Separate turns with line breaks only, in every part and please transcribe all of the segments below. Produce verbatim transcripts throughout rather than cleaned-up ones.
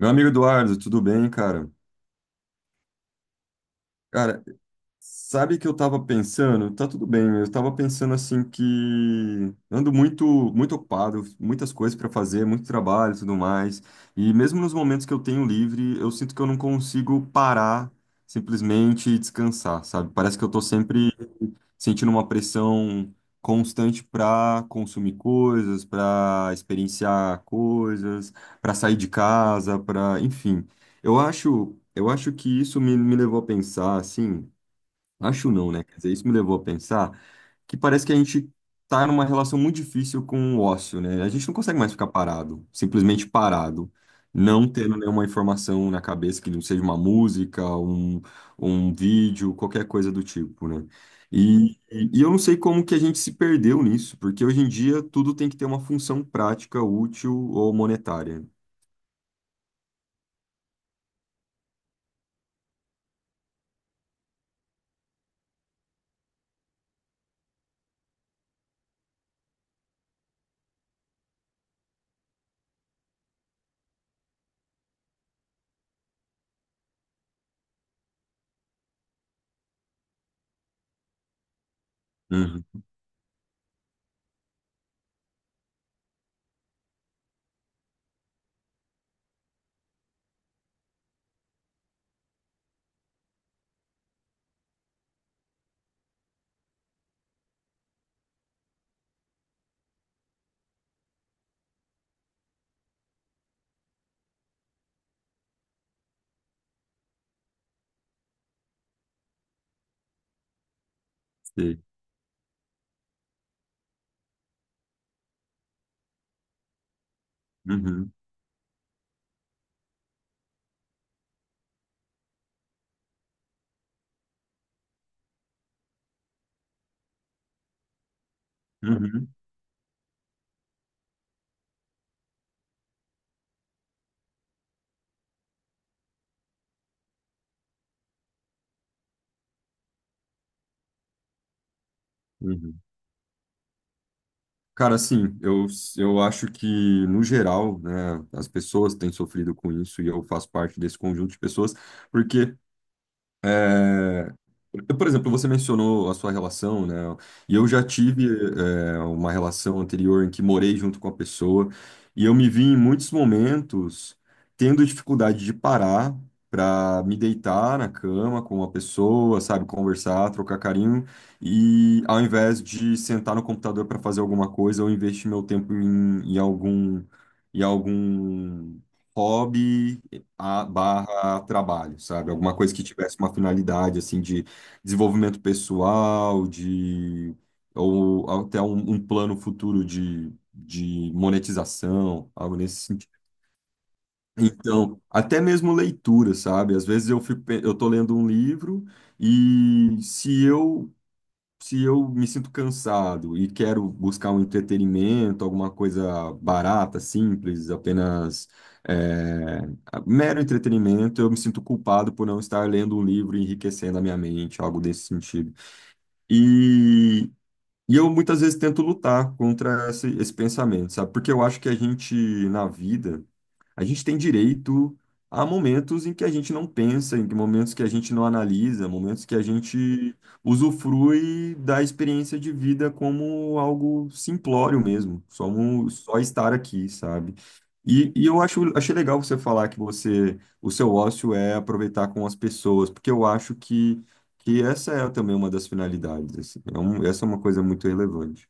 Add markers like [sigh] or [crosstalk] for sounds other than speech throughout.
Meu amigo Eduardo, tudo bem, cara? Cara, sabe que eu tava pensando? Tá tudo bem, eu tava pensando assim que ando muito muito ocupado, muitas coisas para fazer, muito trabalho e tudo mais. E mesmo nos momentos que eu tenho livre, eu sinto que eu não consigo parar simplesmente e descansar, sabe? Parece que eu tô sempre sentindo uma pressão constante para consumir coisas, para experienciar coisas, para sair de casa, para, enfim. Eu acho, eu acho que isso me, me levou a pensar assim. Acho não, né? Quer dizer, isso me levou a pensar que parece que a gente tá numa relação muito difícil com o ócio, né? A gente não consegue mais ficar parado, simplesmente parado, não tendo nenhuma informação na cabeça que não seja uma música, um, um vídeo, qualquer coisa do tipo, né? E, e eu não sei como que a gente se perdeu nisso, porque hoje em dia tudo tem que ter uma função prática, útil ou monetária. Uhum, sei. Uhum, uhum, uhum. Cara, assim, eu, eu acho que, no geral, né, as pessoas têm sofrido com isso e eu faço parte desse conjunto de pessoas, porque é, por exemplo, você mencionou a sua relação, né? E eu já tive, é, uma relação anterior em que morei junto com a pessoa, e eu me vi em muitos momentos tendo dificuldade de parar para me deitar na cama com uma pessoa, sabe, conversar, trocar carinho, e ao invés de sentar no computador para fazer alguma coisa, eu investi meu tempo em, em algum, em algum hobby a barra trabalho, sabe? Alguma coisa que tivesse uma finalidade assim de desenvolvimento pessoal, de ou até um, um plano futuro de, de monetização, algo nesse sentido. Então, até mesmo leitura, sabe? Às vezes eu fico, pe- eu tô lendo um livro e se eu se eu me sinto cansado e quero buscar um entretenimento, alguma coisa barata, simples, apenas é, mero entretenimento, eu me sinto culpado por não estar lendo um livro e enriquecendo a minha mente, algo desse sentido. E, e eu muitas vezes tento lutar contra esse, esse pensamento, sabe? Porque eu acho que a gente, na vida, a gente tem direito a momentos em que a gente não pensa, em que momentos que a gente não analisa, momentos que a gente usufrui da experiência de vida como algo simplório mesmo, só, um- só estar aqui, sabe? E, e eu acho, achei legal você falar que você, o seu ócio é aproveitar com as pessoas, porque eu acho que, que essa é também uma das finalidades, assim. É um- essa é uma coisa muito relevante.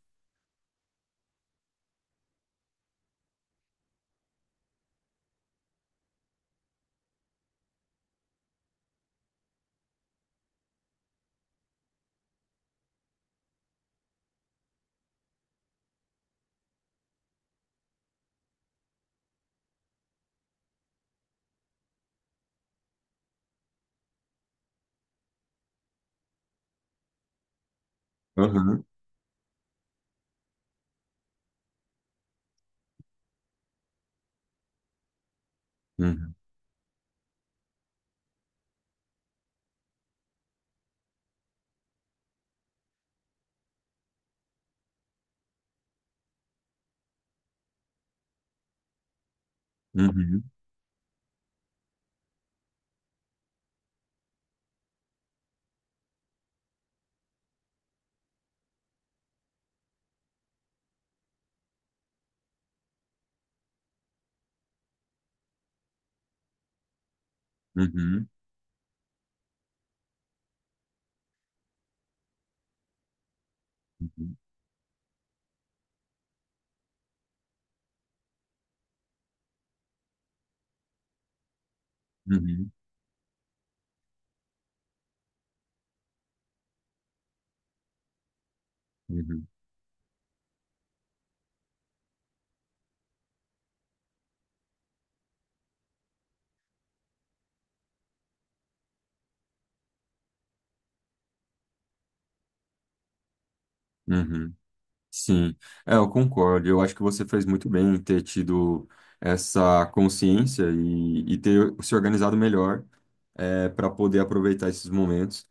Aham, uhum, uhum, uhum, uhum, uhum, uhum, uhum. Sim, é, eu concordo. Eu acho que você fez muito bem em ter tido essa consciência e, e ter se organizado melhor para poder aproveitar esses momentos,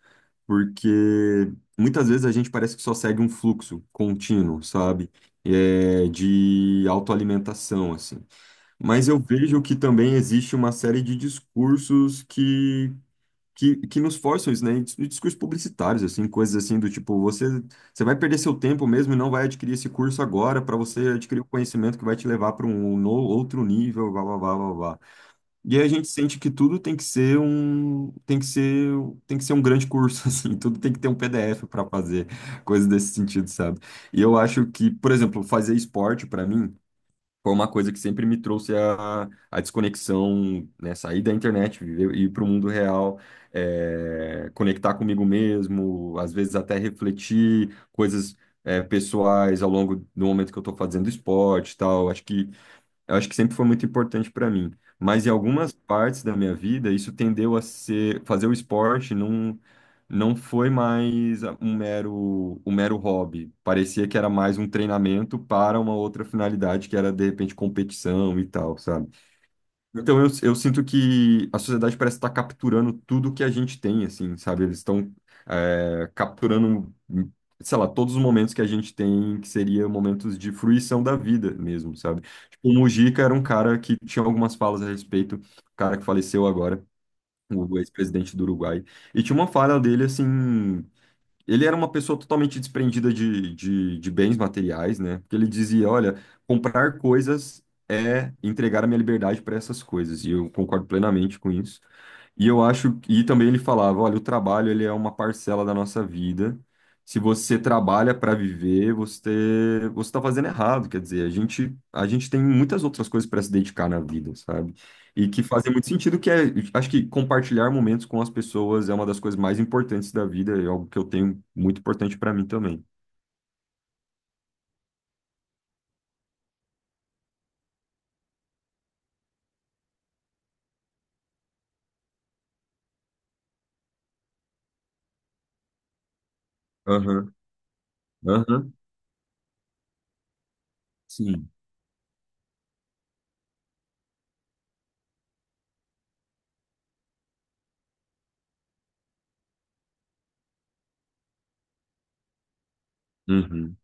porque muitas vezes a gente parece que só segue um fluxo contínuo, sabe? É, de autoalimentação, assim. Mas eu vejo que também existe uma série de discursos que, que nos forçam isso, né? E dis- e discursos publicitários, assim, coisas assim do tipo, você, você vai perder seu tempo mesmo e não vai adquirir esse curso agora para você adquirir o conhecimento que vai te levar para um no, outro nível, blá, blá, blá, blá, blá. E aí a gente sente que tudo tem que ser um, tem que ser, tem que ser um grande curso, [laughs] assim, tudo tem que ter um P D F para fazer, coisas desse sentido, sabe? E eu acho que, por exemplo, fazer esporte para mim foi uma coisa que sempre me trouxe a, a desconexão, né? Sair da internet, viver, ir para o mundo real, é, conectar comigo mesmo, às vezes até refletir coisas, é, pessoais ao longo do momento que eu estou fazendo esporte e tal. Acho que eu acho que sempre foi muito importante para mim. Mas em algumas partes da minha vida, isso tendeu a ser, fazer o esporte não, não foi mais um mero, um mero hobby. Parecia que era mais um treinamento para uma outra finalidade, que era de repente competição e tal, sabe? Então, eu, eu sinto que a sociedade parece estar capturando tudo que a gente tem, assim, sabe? Eles estão é, capturando, sei lá, todos os momentos que a gente tem, que seria momentos de fruição da vida mesmo, sabe? Tipo, o Mujica era um cara que tinha algumas falas a respeito, o cara que faleceu agora, o ex-presidente do Uruguai, e tinha uma fala dele, assim, ele era uma pessoa totalmente desprendida de, de, de bens materiais, né? Porque ele dizia, olha, comprar coisas é entregar a minha liberdade para essas coisas, e eu concordo plenamente com isso. E eu acho, e também ele falava, olha, o trabalho ele é uma parcela da nossa vida. Se você trabalha para viver, você você está fazendo errado, quer dizer, a gente a gente tem muitas outras coisas para se dedicar na vida, sabe? E que fazem muito sentido, que é, acho que compartilhar momentos com as pessoas é uma das coisas mais importantes da vida, é algo que eu tenho muito importante para mim também. Aham, aham, sim. Uhum,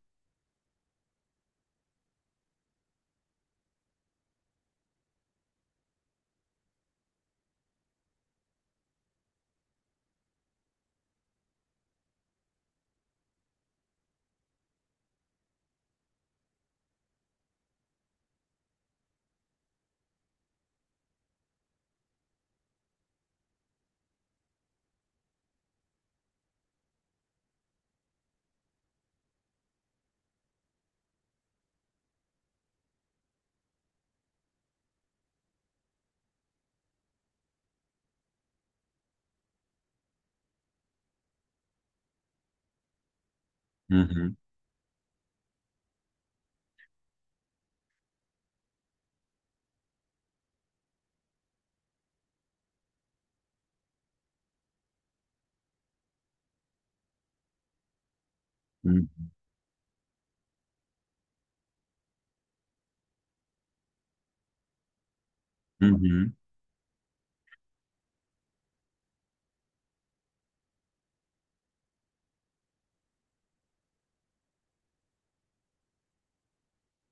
uhum, uhum, uhum,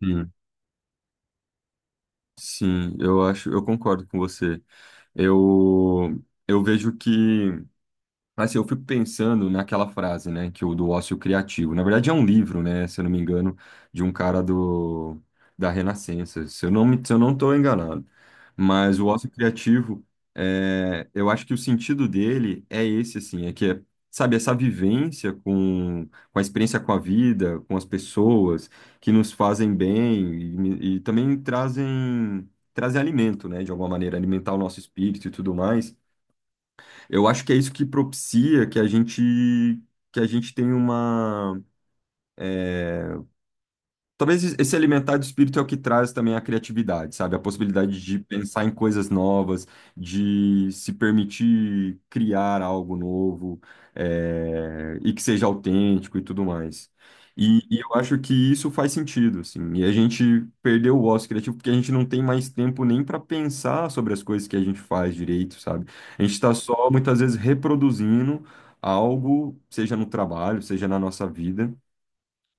uhum. Sim, eu acho, eu concordo com você. Eu, eu vejo que assim, eu fico pensando naquela frase, né, que o do ócio criativo. Na verdade, é um livro, né, se eu não me engano, de um cara do da Renascença. Se eu não me, se eu não estou enganado. Mas o ócio criativo, é, eu acho que o sentido dele é esse, assim, é que, é, sabe, essa vivência com, com a experiência com a vida, com as pessoas que nos fazem bem e, e também trazem trazem alimento, né, de alguma maneira, alimentar o nosso espírito e tudo mais. Eu acho que é isso que propicia que a gente que a gente tenha uma... Talvez esse esse alimentar do espírito é o que traz também a criatividade, sabe? A possibilidade de pensar em coisas novas, de se permitir criar algo novo, é, e que seja autêntico e tudo mais. E, e eu acho que isso faz sentido, assim. E a gente perdeu o ócio criativo porque a gente não tem mais tempo nem para pensar sobre as coisas que a gente faz direito, sabe? A gente está só muitas vezes reproduzindo algo, seja no trabalho, seja na nossa vida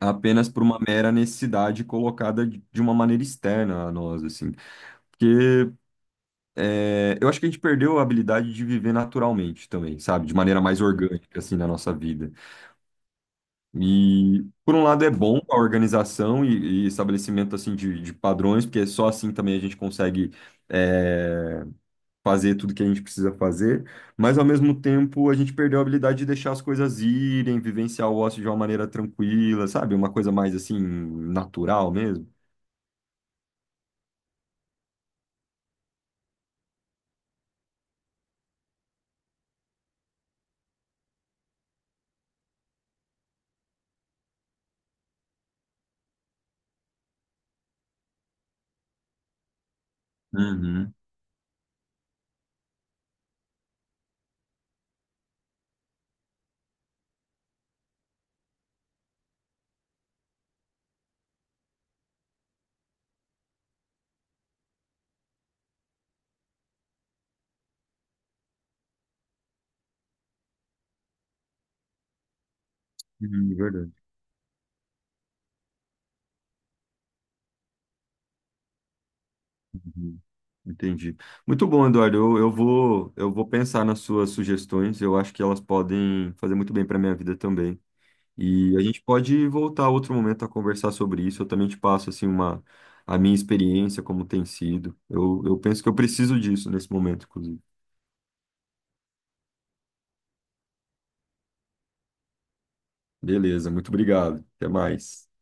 apenas por uma mera necessidade colocada de de uma maneira externa a nós, assim. Porque é, eu acho que a gente perdeu a habilidade de viver naturalmente também, sabe? De maneira mais orgânica, assim, na nossa vida. E, por um lado, é bom a organização e, e estabelecimento, assim, de, de padrões, porque só assim também a gente consegue é, fazer tudo que a gente precisa fazer. Mas, ao mesmo tempo, a gente perdeu a habilidade de deixar as coisas irem, vivenciar o ócio de uma maneira tranquila, sabe? Uma coisa mais, assim, natural mesmo. Uhum, uhum, verdade. Uhum, entendi. Muito bom, Eduardo. Eu, eu vou, eu vou pensar nas suas sugestões. Eu acho que elas podem fazer muito bem para minha vida também. E a gente pode voltar outro momento a conversar sobre isso. Eu também te passo assim uma a minha experiência, como tem sido. Eu, eu penso que eu preciso disso nesse momento, inclusive. Beleza, muito obrigado. Até mais.